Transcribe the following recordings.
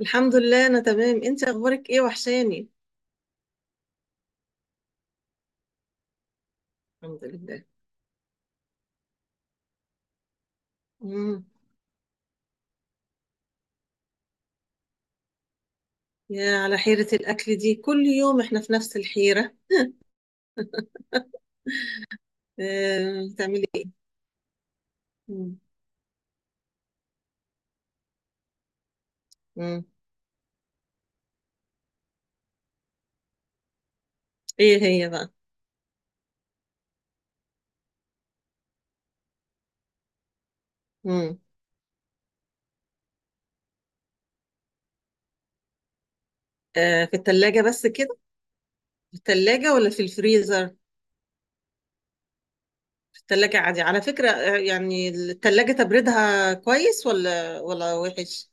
الحمد لله، انا تمام. انت اخبارك ايه؟ وحشاني. الحمد لله. امم يا على حيرة الاكل دي، كل يوم احنا في نفس الحيرة. تعملي ايه؟ مم. مم. ايه هي بقى؟ مم. في التلاجة بس كده؟ في التلاجة ولا في الفريزر؟ في التلاجة عادي على فكرة، يعني التلاجة تبردها كويس، ولا وحش؟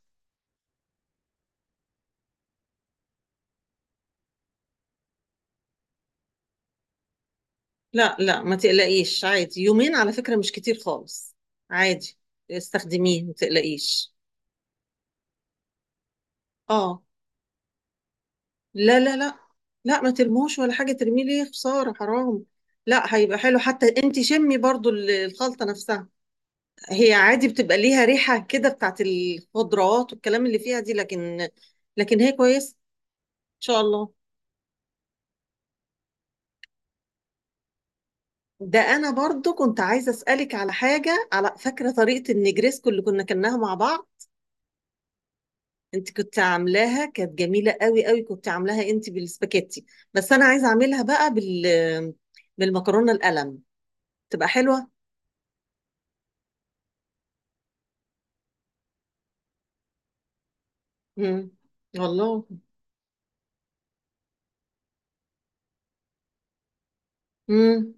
لا، لا، ما تقلقيش. عادي يومين على فكرة، مش كتير خالص. عادي. استخدميه، ما تقلقيش. اه. لا، لا، لا. لا، ما ترموش ولا حاجة، ترميه ليه؟ خسارة حرام. لا، هيبقى حلو. حتى انت شمي برضو الخلطة نفسها. هي عادي بتبقى ليها ريحة كده، بتاعت الخضروات والكلام اللي فيها دي، لكن هي كويس ان شاء الله. ده انا برضو كنت عايزة اسألك على حاجة، على فاكرة طريقة النجريسكو اللي كنا كناها مع بعض؟ انت كنت عاملاها، كانت جميلة قوي قوي. كنت عاملاها انت بالسباكيتي، بس انا عايزة اعملها بقى بالمكرونة القلم. تبقى حلوة. مم. والله. مم.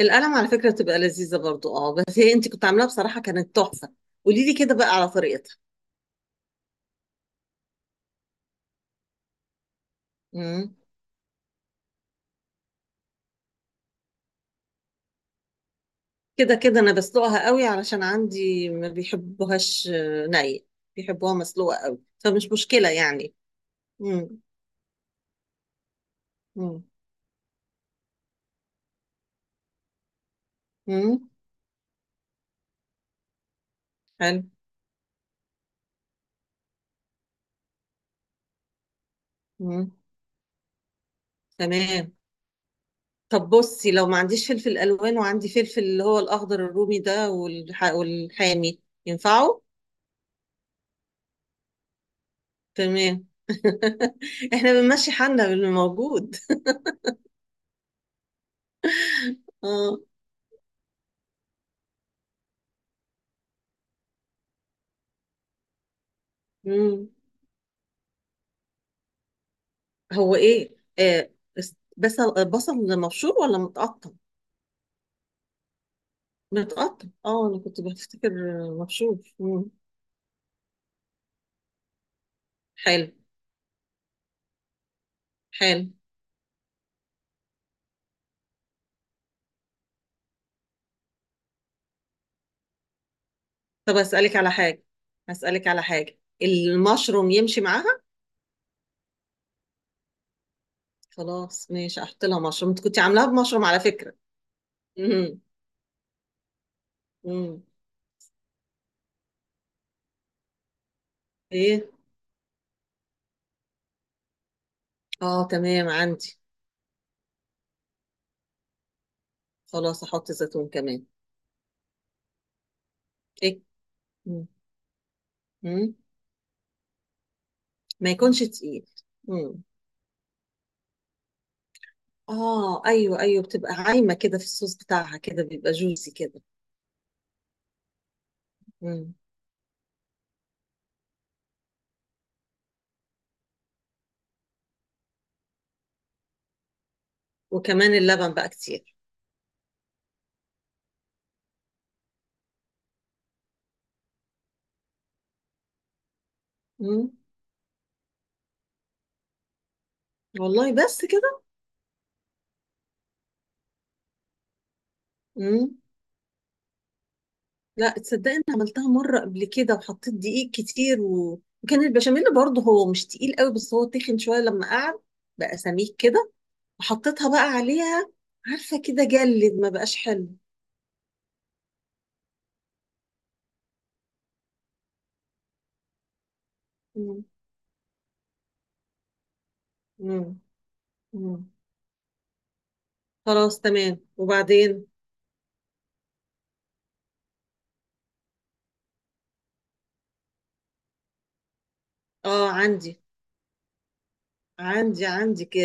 القلم على فكرة بتبقى لذيذة برضو. اه، بس هي انت كنت عاملاها بصراحة كانت تحفة. قولي لي كده بقى على طريقتها. مم. كده كده انا بسلقها قوي، علشان عندي ما بيحبوهاش، آه، ني بيحبوها مسلوقة قوي، فمش مشكلة يعني. مم. مم. مم. حلو. مم. تمام. طب بصي، لو ما عنديش فلفل الوان، وعندي فلفل اللي هو الاخضر الرومي ده، والحامي، ينفعوا؟ تمام. احنا بنمشي حالنا باللي موجود. اه. مم. هو ايه بس بس البصل مبشور ولا متقطع؟ متقطع. اه، انا كنت بفتكر مبشور. مم. حلو حلو. طب، اسالك على حاجه، اسالك على حاجه، المشروم يمشي معاها؟ خلاص، ماشي، احط لها مشروم. انت كنت عاملاها بمشروم على فكره. مم. مم. ايه. اه، تمام، عندي. خلاص، احط زيتون كمان. ايه. مم. مم. ما يكونش تقيل. امم. اه، ايوه، ايوه، بتبقى عايمه كده في الصوص بتاعها. كده بيبقى جوسي كده. امم. وكمان اللبن بقى كتير. امم. والله، بس كده؟ امم. لا تصدقي، انا عملتها مره قبل كده وحطيت دقيق كتير وكان البشاميل برضه هو مش تقيل قوي، بس هو تخن شويه لما قعد، بقى سميك كده. وحطيتها بقى عليها، عارفه؟ كده جلد، ما بقاش حلو. امم. امم. امم. خلاص، تمام، وبعدين؟ اه، عندي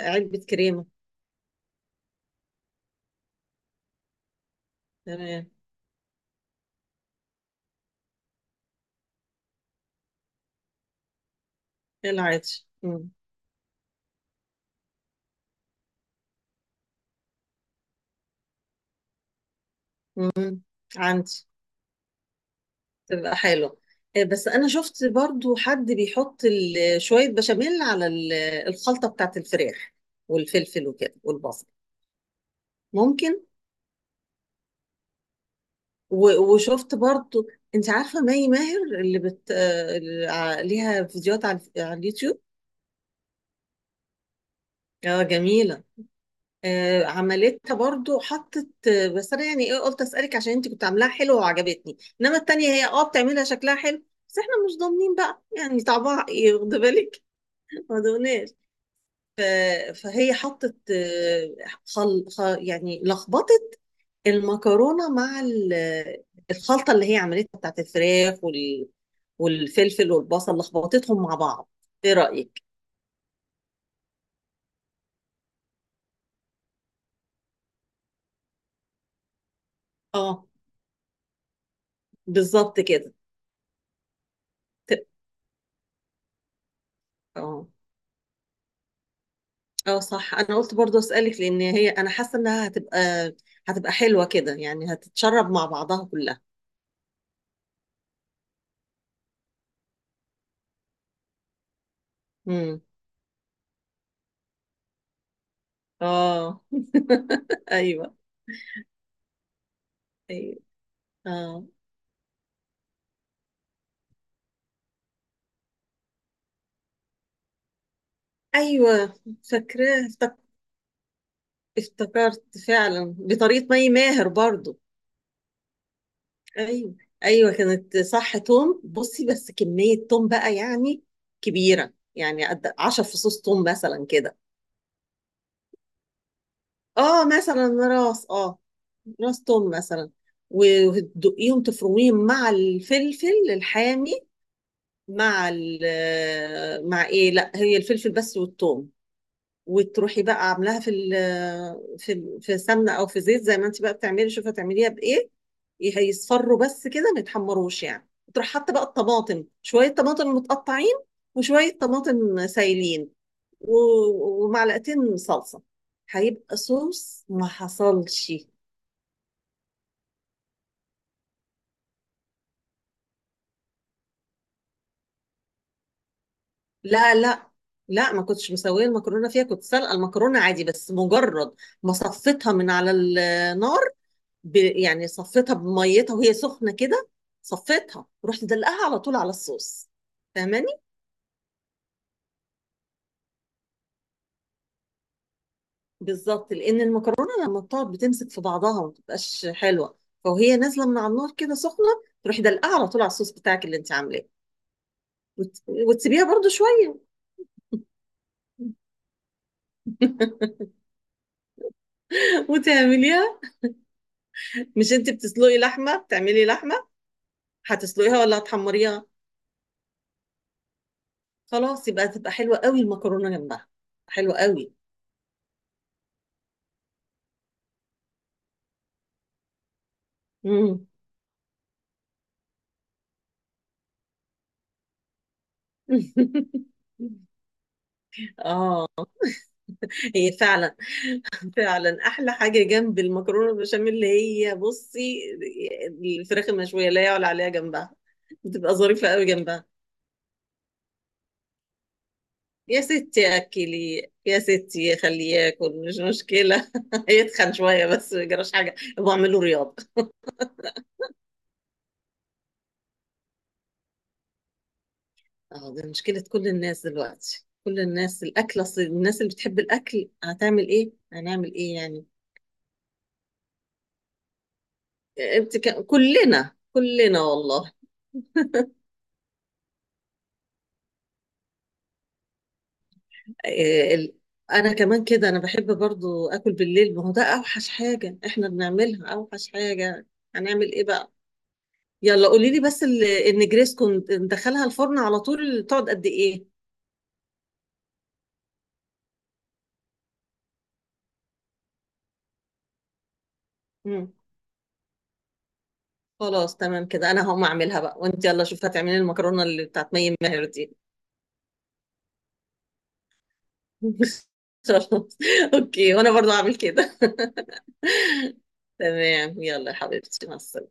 علبة كريمة. تمام. ايه، العادي. مم. مم. عندي. تبقى حلو. إيه، بس أنا شفت برضو حد بيحط شوية بشاميل على الخلطة بتاعت الفراخ والفلفل وكده والبصل. ممكن. وشفت برضو، أنت عارفة مي ماهر، اللي بت... آه، اللي ع- ليها فيديوهات على اليوتيوب؟ اه، جميلة. عملتها برضو، حطت، بس انا يعني ايه، قلت اسالك عشان انت كنت عاملاها حلوه وعجبتني، انما التانية هي اه بتعملها شكلها حلو. بس احنا مش ضامنين بقى، يعني طعمها ايه، واخده بالك؟ ما ضمناش. ف- فهي حطت، يعني لخبطت المكرونه مع الخلطه اللي هي عملتها بتاعت الفراخ والفلفل والبصل، لخبطتهم مع بعض. ايه رايك؟ اه، بالظبط كده. ت- اه، اه، صح. انا قلت برضو اسالك، لان هي انا حاسه انها هتبقى هتبقى حلوه كده، يعني هتتشرب مع بعضها كلها. امم. اه، ايوه، ايوه، اه، ايوه، فاكراه. افتكرت فعلا بطريقه مي ماهر برضو. ايوه، ايوه. كانت صح، توم. بصي، بس كميه توم بقى يعني كبيره، يعني قد 10 فصوص توم مثلا كده. اه، مثلا، راس توم مثلا. وتدقيهم تفرميهم مع الفلفل الحامي. مع ال مع ايه، لا، هي الفلفل بس والثوم. وتروحي بقى عاملاها في سمنه او في زيت، زي ما انت بقى بتعملي. شوفي هتعمليها بايه. هيصفروا بس كده، ما يتحمروش. يعني تروح حاطه بقى الطماطم، شويه طماطم متقطعين، وشويه طماطم سايلين، ومعلقتين صلصة. هيبقى صوص ما حصلش. لا، لا، لا، ما كنتش مسوية المكرونة فيها. كنت سلقة المكرونة عادي، بس مجرد ما صفيتها من على النار، يعني صفيتها بميتها وهي سخنة كده، صفيتها ورحت دلقاها على طول على الصوص. فاهماني؟ بالظبط. لان المكرونه لما بتقعد بتمسك في بعضها وما بتبقاش حلوه، فوهي نازله من على النار كده سخنه، تروحي دلقاها على طول على الصوص بتاعك اللي انت عاملاه. وتسيبيها برضو شويه. وتعمليها. مش انت بتسلقي لحمه، بتعملي لحمه، هتسلقيها ولا هتحمريها؟ خلاص، يبقى تبقى حلوه قوي، المكرونه جنبها، حلوه قوي. مم. اه، هي فعلا فعلا احلى حاجه جنب المكرونه البشاميل، اللي هي، بصي، الفراخ المشويه لا يعلى عليها جنبها. بتبقى ظريفه قوي جنبها. يا ستي، اكلي يا ستي، خليه ياكل، مش مشكله. يتخن شويه، بس ما يجراش حاجه، بعمل له رياضه. اه، ده مشكلة كل الناس دلوقتي، كل الناس، الأكل، أصل الناس اللي بتحب الأكل هتعمل إيه؟ هنعمل إيه يعني؟ كلنا كلنا والله. آه، ال... أنا كمان كده، أنا بحب برضو أكل بالليل. ما هو ده أوحش حاجة إحنا بنعملها، أوحش حاجة. هنعمل إيه بقى؟ يلا، قولي لي بس، النجريسكو ندخلها الفرن على طول تقعد قد إيه؟ مم. خلاص، تمام كده. أنا هقوم أعملها بقى، وأنت يلا شوف هتعملي المكرونة اللي بتاعت مي ماهر دي. خلاص، اوكي، وانا برضو هعمل كده. تمام، يلا يا حبيبتي، مع السلامة.